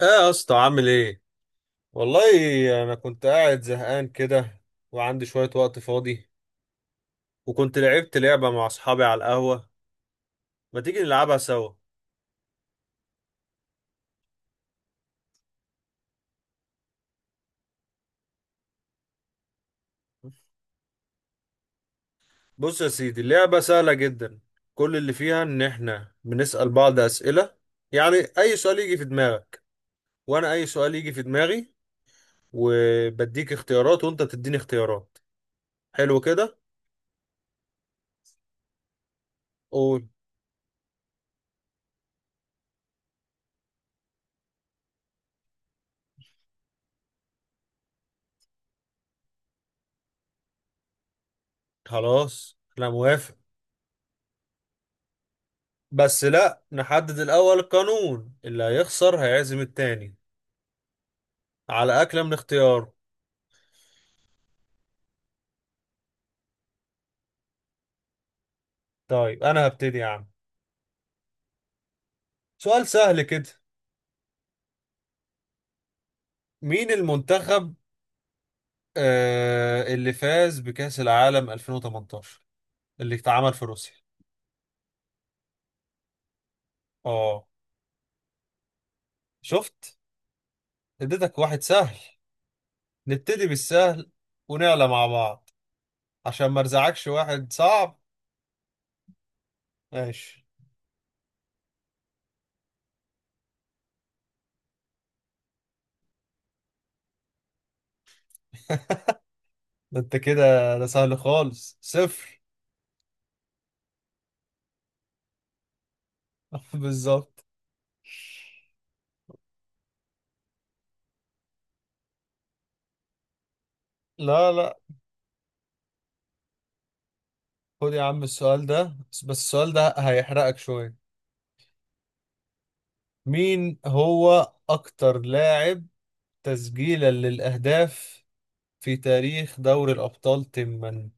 ايه يا اسطى عامل ايه؟ والله انا كنت قاعد زهقان كده، وعندي شوية وقت فاضي، وكنت لعبت لعبة مع اصحابي على القهوة. ما تيجي نلعبها سوا؟ بص يا سيدي، اللعبة سهلة جدا. كل اللي فيها ان احنا بنسأل بعض اسئلة، يعني اي سؤال يجي في دماغك، وانا اي سؤال يجي في دماغي، وبديك اختيارات وانت تديني اختيارات. حلو كده. قول. خلاص انا موافق. بس لا، نحدد الاول قانون اللي هيخسر هيعزم التاني على أكلة من اختيار. طيب أنا هبتدي يا عم. سؤال سهل كده. مين المنتخب اللي فاز بكأس العالم 2018 اللي اتعمل في روسيا؟ اه. شفت؟ اديتك واحد سهل، نبتدي بالسهل ونعلى مع بعض عشان ما ارزعكش واحد صعب. ماشي. ده انت كده، ده سهل خالص، صفر. بالظبط. لا لا. خد يا عم السؤال ده، بس السؤال ده هيحرقك شوية. مين هو أكتر لاعب تسجيلا للأهداف في تاريخ دوري الأبطال تما؟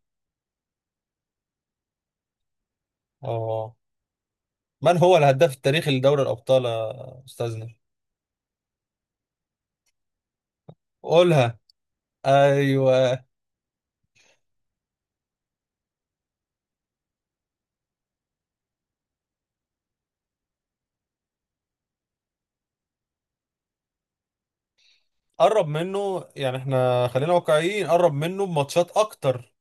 آه، من هو الهداف التاريخي لدوري الأبطال يا أستاذنا؟ قولها. أيوه. قرب منه، يعني إحنا خلينا واقعيين، قرب منه بماتشات أكتر.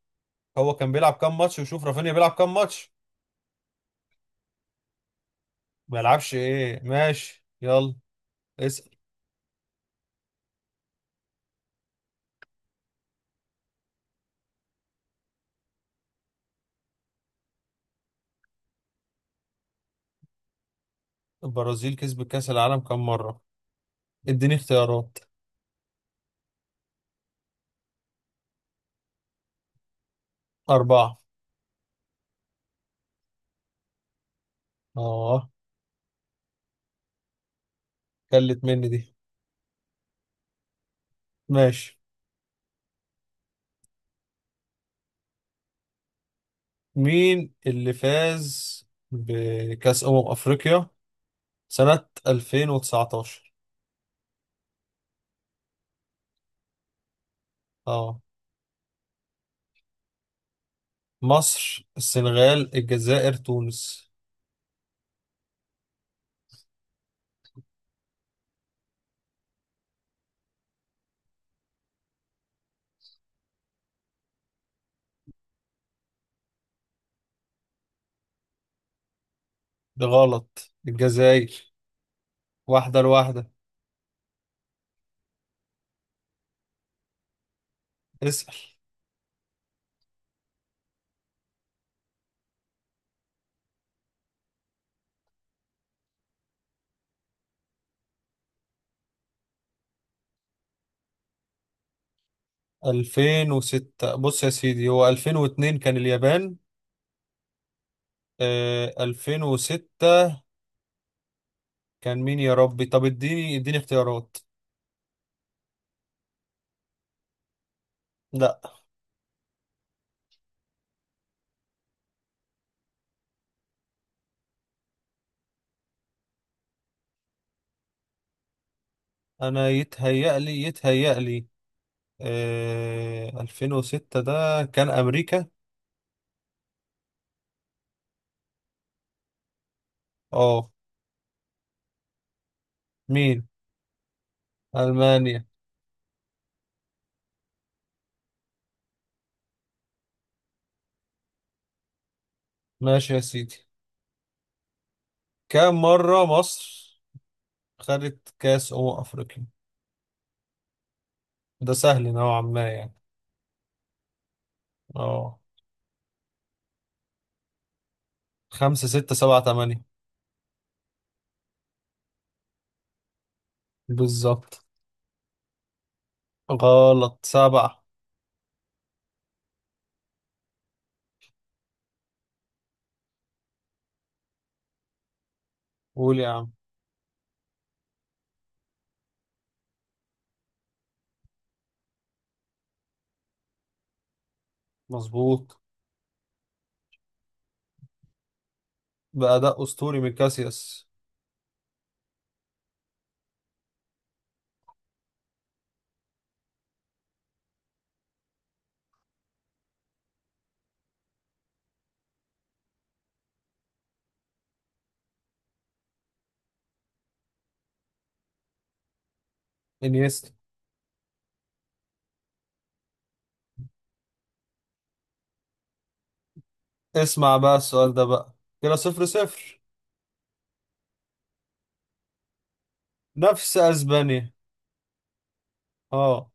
هو كان بيلعب كام ماتش وشوف رافينيا بيلعب كام ماتش. ما يلعبش إيه، ماشي يلا. اسأل. البرازيل كسبت كأس العالم كام مرة؟ اديني اختيارات. أربعة. آه. كلت مني دي. ماشي. مين اللي فاز بكأس أمم أفريقيا سنة 2019؟ اه. مصر، السنغال، الجزائر، تونس. ده غلط، الجزائر. واحدة لواحدة. اسأل. 2006. بص يا سيدي، هو 2002 كان اليابان. آه، 2006 كان مين يا ربي؟ طب اديني اختيارات. لا. انا يتهيأ لي آه 2006 ده كان امريكا. اه. مين؟ ألمانيا. ماشي يا سيدي. كم مرة مصر خدت كأس أمم أفريقيا؟ ده سهل نوعا ما يعني. اه. خمسة ستة سبعة تمانية. بالظبط. غلط، سبعة. قول يا عم. مظبوط. بأداء أسطوري من كاسياس. إنيستا. اسمع بقى السؤال ده بقى. كده صفر صفر. نفس أسبانيا. اه.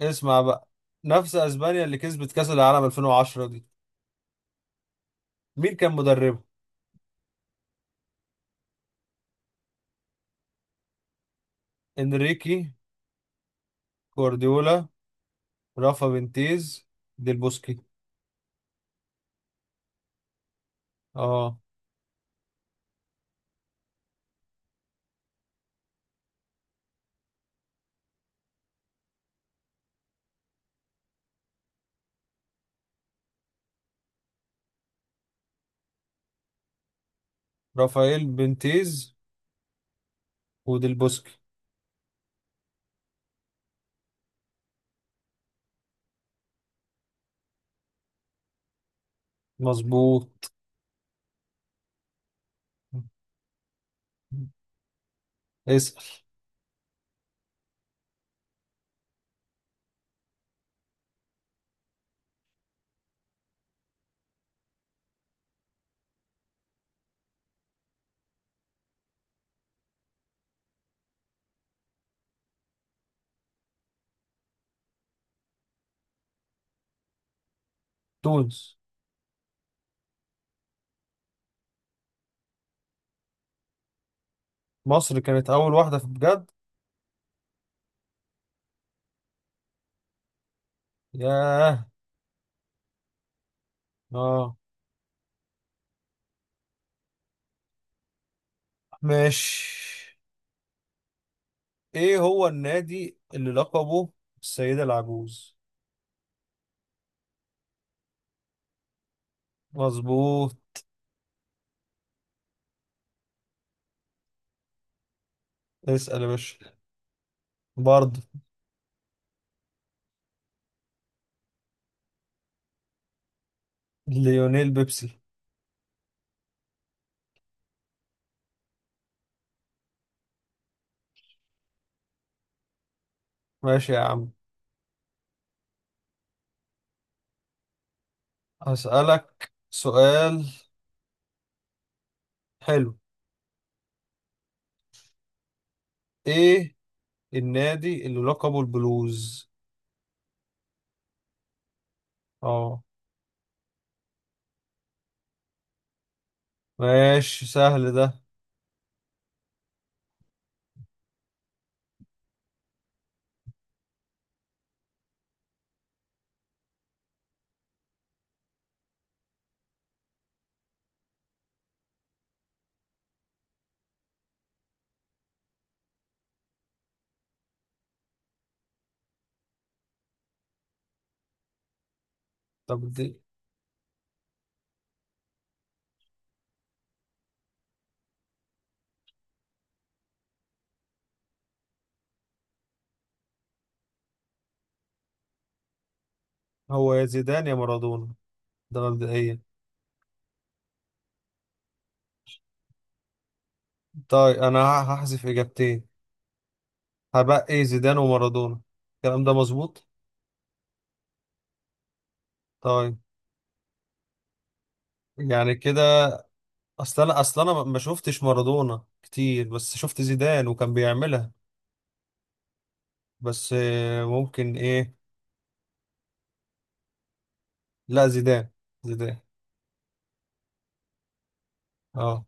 اسمع بقى. نفس أسبانيا اللي كسبت كأس العالم 2010 دي، مين كان مدربها؟ إنريكي، كوارديولا، رافا بنتيز، ديل بوسكي. اه. رافائيل بنتيز وديل بوسكي. مظبوط. اسأل تونس مصر كانت أول واحدة في بجد ياه اه ماشي ايه هو النادي اللي لقبه السيدة العجوز مظبوط اسأل يا باشا برضه. ليونيل بيبسي. ماشي يا عم. هسألك سؤال حلو. ايه النادي اللي لقبه البلوز؟ اه. ماشي، سهل ده. طب دي، هو يا زيدان يا مارادونا. ده مبدئيا. طيب انا هحذف اجابتين. هبقى زيدان ومارادونا. الكلام ده مظبوط؟ طيب. يعني كده، اصل انا ما شفتش مارادونا كتير بس شفت زيدان وكان بيعملها. بس ممكن ايه. لا، زيدان. زيدان. اه.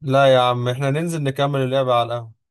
لا يا عم، احنا ننزل نكمل اللعبة على القهوة.